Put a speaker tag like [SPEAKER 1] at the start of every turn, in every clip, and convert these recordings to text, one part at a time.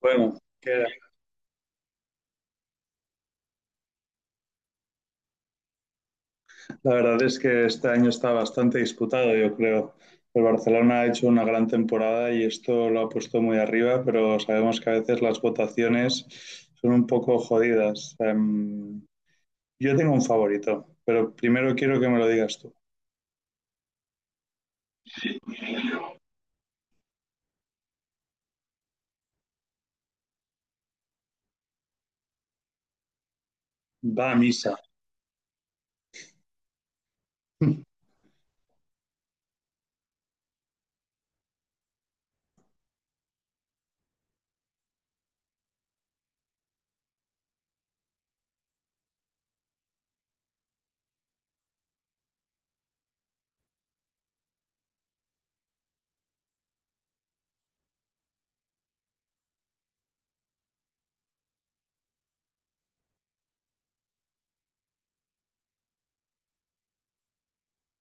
[SPEAKER 1] Bueno, que la verdad es que este año está bastante disputado, yo creo. El Barcelona ha hecho una gran temporada y esto lo ha puesto muy arriba, pero sabemos que a veces las votaciones son un poco jodidas. Yo tengo un favorito, pero primero quiero que me lo digas tú. Va a misa.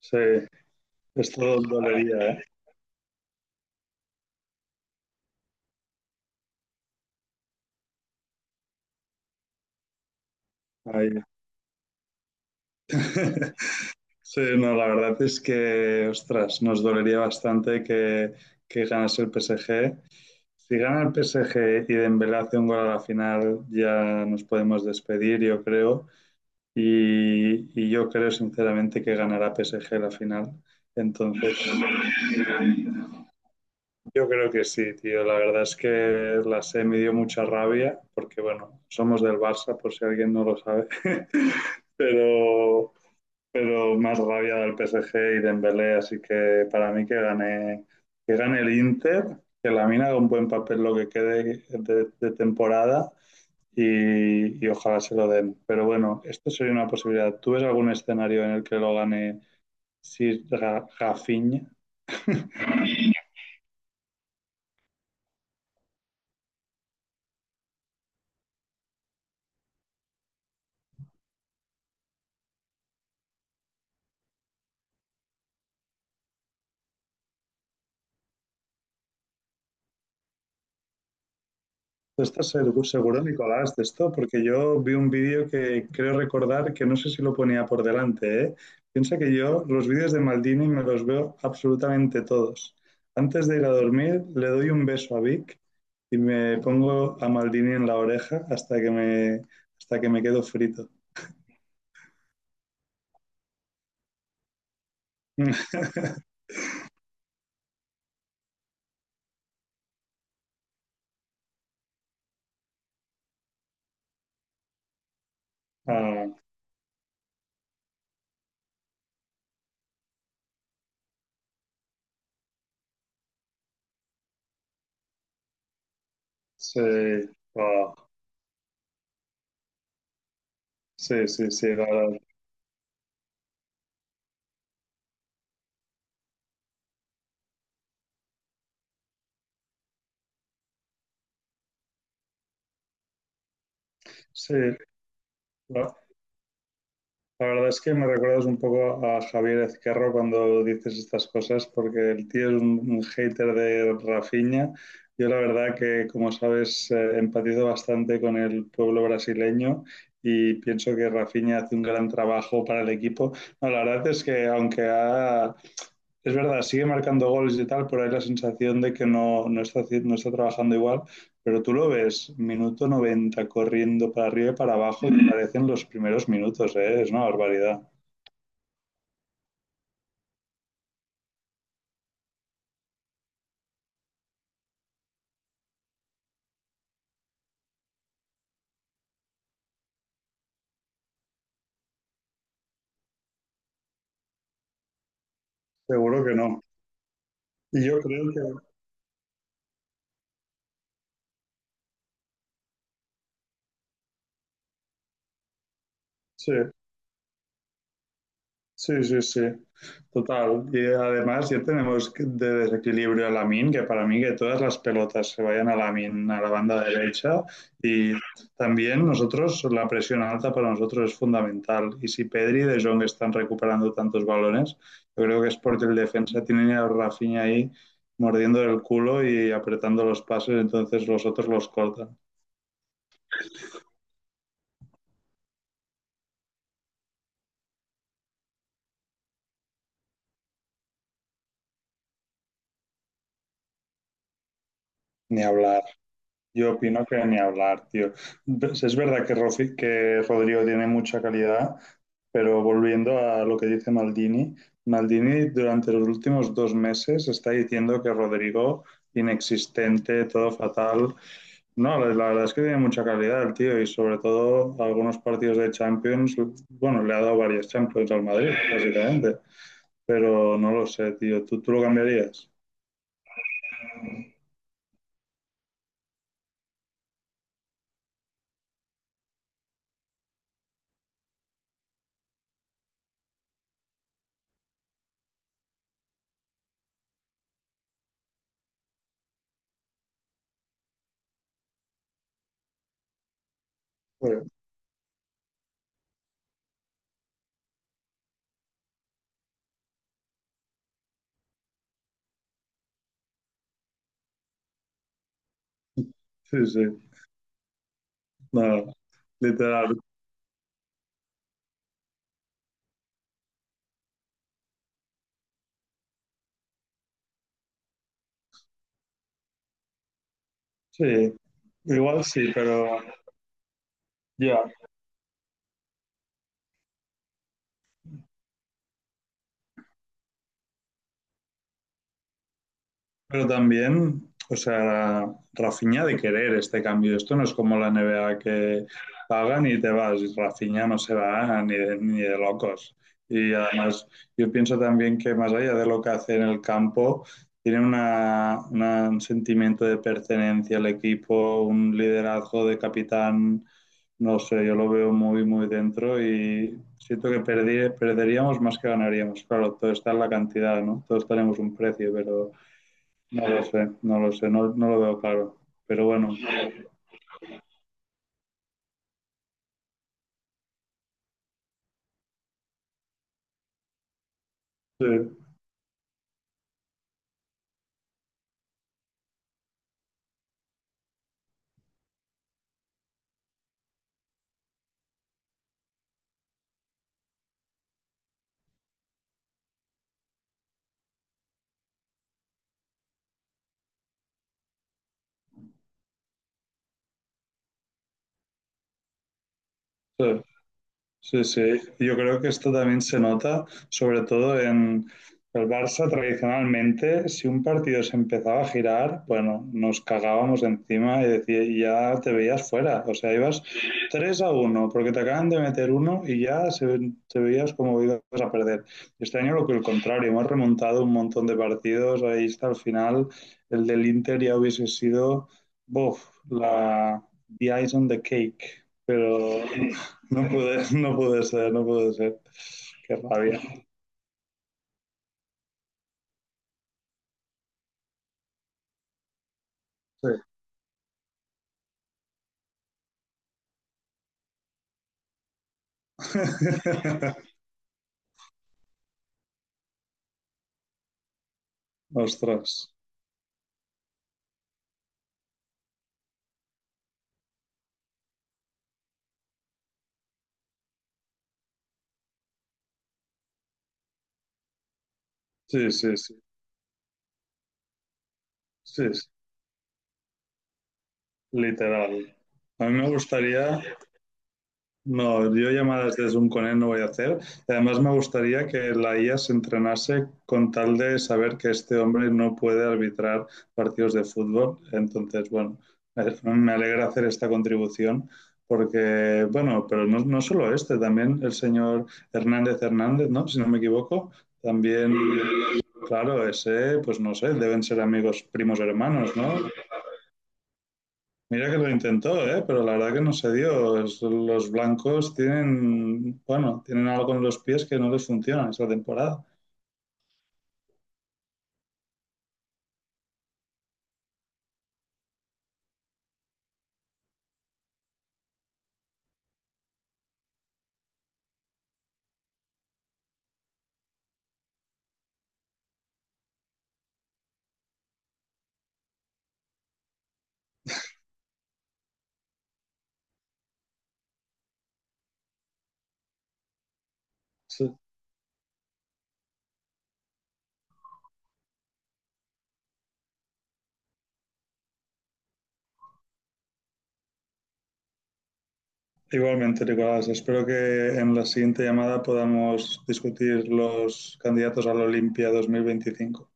[SPEAKER 1] Sí, esto dolería, ¿eh? Ahí. Sí, no, la verdad es que, ostras, nos dolería bastante que, ganase el PSG. Si gana el PSG y Dembélé hace un gol a la final, ya nos podemos despedir, yo creo. Y yo creo sinceramente que ganará PSG la final. Entonces, yo creo que sí, tío. La verdad es que la sé me dio mucha rabia, porque bueno, somos del Barça, por si alguien no lo sabe. Pero, pero más rabia del PSG y Dembélé, así que para mí que gane el Inter, que la mina haga un buen papel lo que quede de temporada y ojalá se lo den. Pero bueno, esto sería una posibilidad. ¿Tú ves algún escenario en el que lo gane si Rafinha? ¿Tú estás seguro, seguro, Nicolás, de esto? Porque yo vi un vídeo que creo recordar que no sé si lo ponía por delante, ¿eh? Piensa que yo los vídeos de Maldini me los veo absolutamente todos. Antes de ir a dormir, le doy un beso a Vic y me pongo a Maldini en la oreja hasta que me quedo frito. Ah, sí, ah, sí, sí, sí, la verdad. Sí, la verdad es que me recuerdas un poco a Javier Ezquerro cuando dices estas cosas, porque el tío es un hater de Rafinha. Yo la verdad que, como sabes, empatizo bastante con el pueblo brasileño y pienso que Rafinha hace un gran trabajo para el equipo. No, la verdad es que aunque es verdad, sigue marcando goles y tal, por ahí la sensación de que no está trabajando igual, pero tú lo ves, minuto 90 corriendo para arriba y para abajo y te parecen los primeros minutos, ¿eh? Es una barbaridad. Seguro que no. Y yo creo que sí. Sí, sí, sí, total. Y además ya tenemos de desequilibrio a Lamin, que para mí que todas las pelotas se vayan a Lamin, a la banda derecha. Y también nosotros, la presión alta para nosotros es fundamental. Y si Pedri y De Jong están recuperando tantos balones, yo creo que es porque el defensa tiene a Rafinha ahí mordiendo el culo y apretando los pases, entonces los otros los cortan. Ni hablar. Yo opino que ni hablar, tío. Es verdad que, que Rodrigo tiene mucha calidad. Pero volviendo a lo que dice Maldini, Maldini durante los últimos 2 meses está diciendo que Rodrigo, inexistente, todo fatal. No, la verdad es que tiene mucha calidad el tío y sobre todo algunos partidos de Champions, bueno, le ha dado varias Champions al Madrid, básicamente. Pero no lo sé, tío, ¿tú lo cambiarías? Bueno, sí, sí, no, literal. Sí, igual sí, pero ya, pero también, o sea, Rafinha ha de querer este cambio. Esto no es como la NBA que pagan y te vas. Rafinha no se va ni de locos. Y además, yo pienso también que más allá de lo que hace en el campo, tiene una, un sentimiento de pertenencia al equipo, un liderazgo de capitán. No sé, yo lo veo muy, muy dentro y siento que perderíamos más que ganaríamos. Claro, todo está en la cantidad, ¿no? Todos tenemos un precio, pero no lo sé, no lo sé, no, no lo veo claro. Pero bueno, sí, sí. Sí, sí, yo creo que esto también se nota, sobre todo en el Barça tradicionalmente. Si un partido se empezaba a girar, bueno, nos cagábamos encima y decía, y ya te veías fuera, o sea, ibas 3-1 porque te acaban de meter uno y ya te veías como ibas a perder. Este año lo que el contrario, hemos remontado un montón de partidos, ahí está el final, el del Inter ya hubiese sido, buf, la, the ice on the cake, pero... No puede, no puede ser, no puede ser. Qué rabia. Sí. Ostras. Sí, sí, sí, sí, sí. Literal. A mí me gustaría. No, yo llamadas de Zoom con él no voy a hacer. Además, me gustaría que la IA se entrenase con tal de saber que este hombre no puede arbitrar partidos de fútbol. Entonces, bueno, me alegra hacer esta contribución porque, bueno, pero no, no solo este, también el señor Hernández Hernández, ¿no? Si no me equivoco, también, claro, ese, pues no sé, deben ser amigos primos hermanos, ¿no? Mira que lo intentó, ¿eh? Pero la verdad que no se dio. Es- los blancos tienen, bueno, tienen algo en los pies que no les funciona esta temporada. Sí. Igualmente, Nicolás, espero que en la siguiente llamada podamos discutir los candidatos a la Olimpia 2025.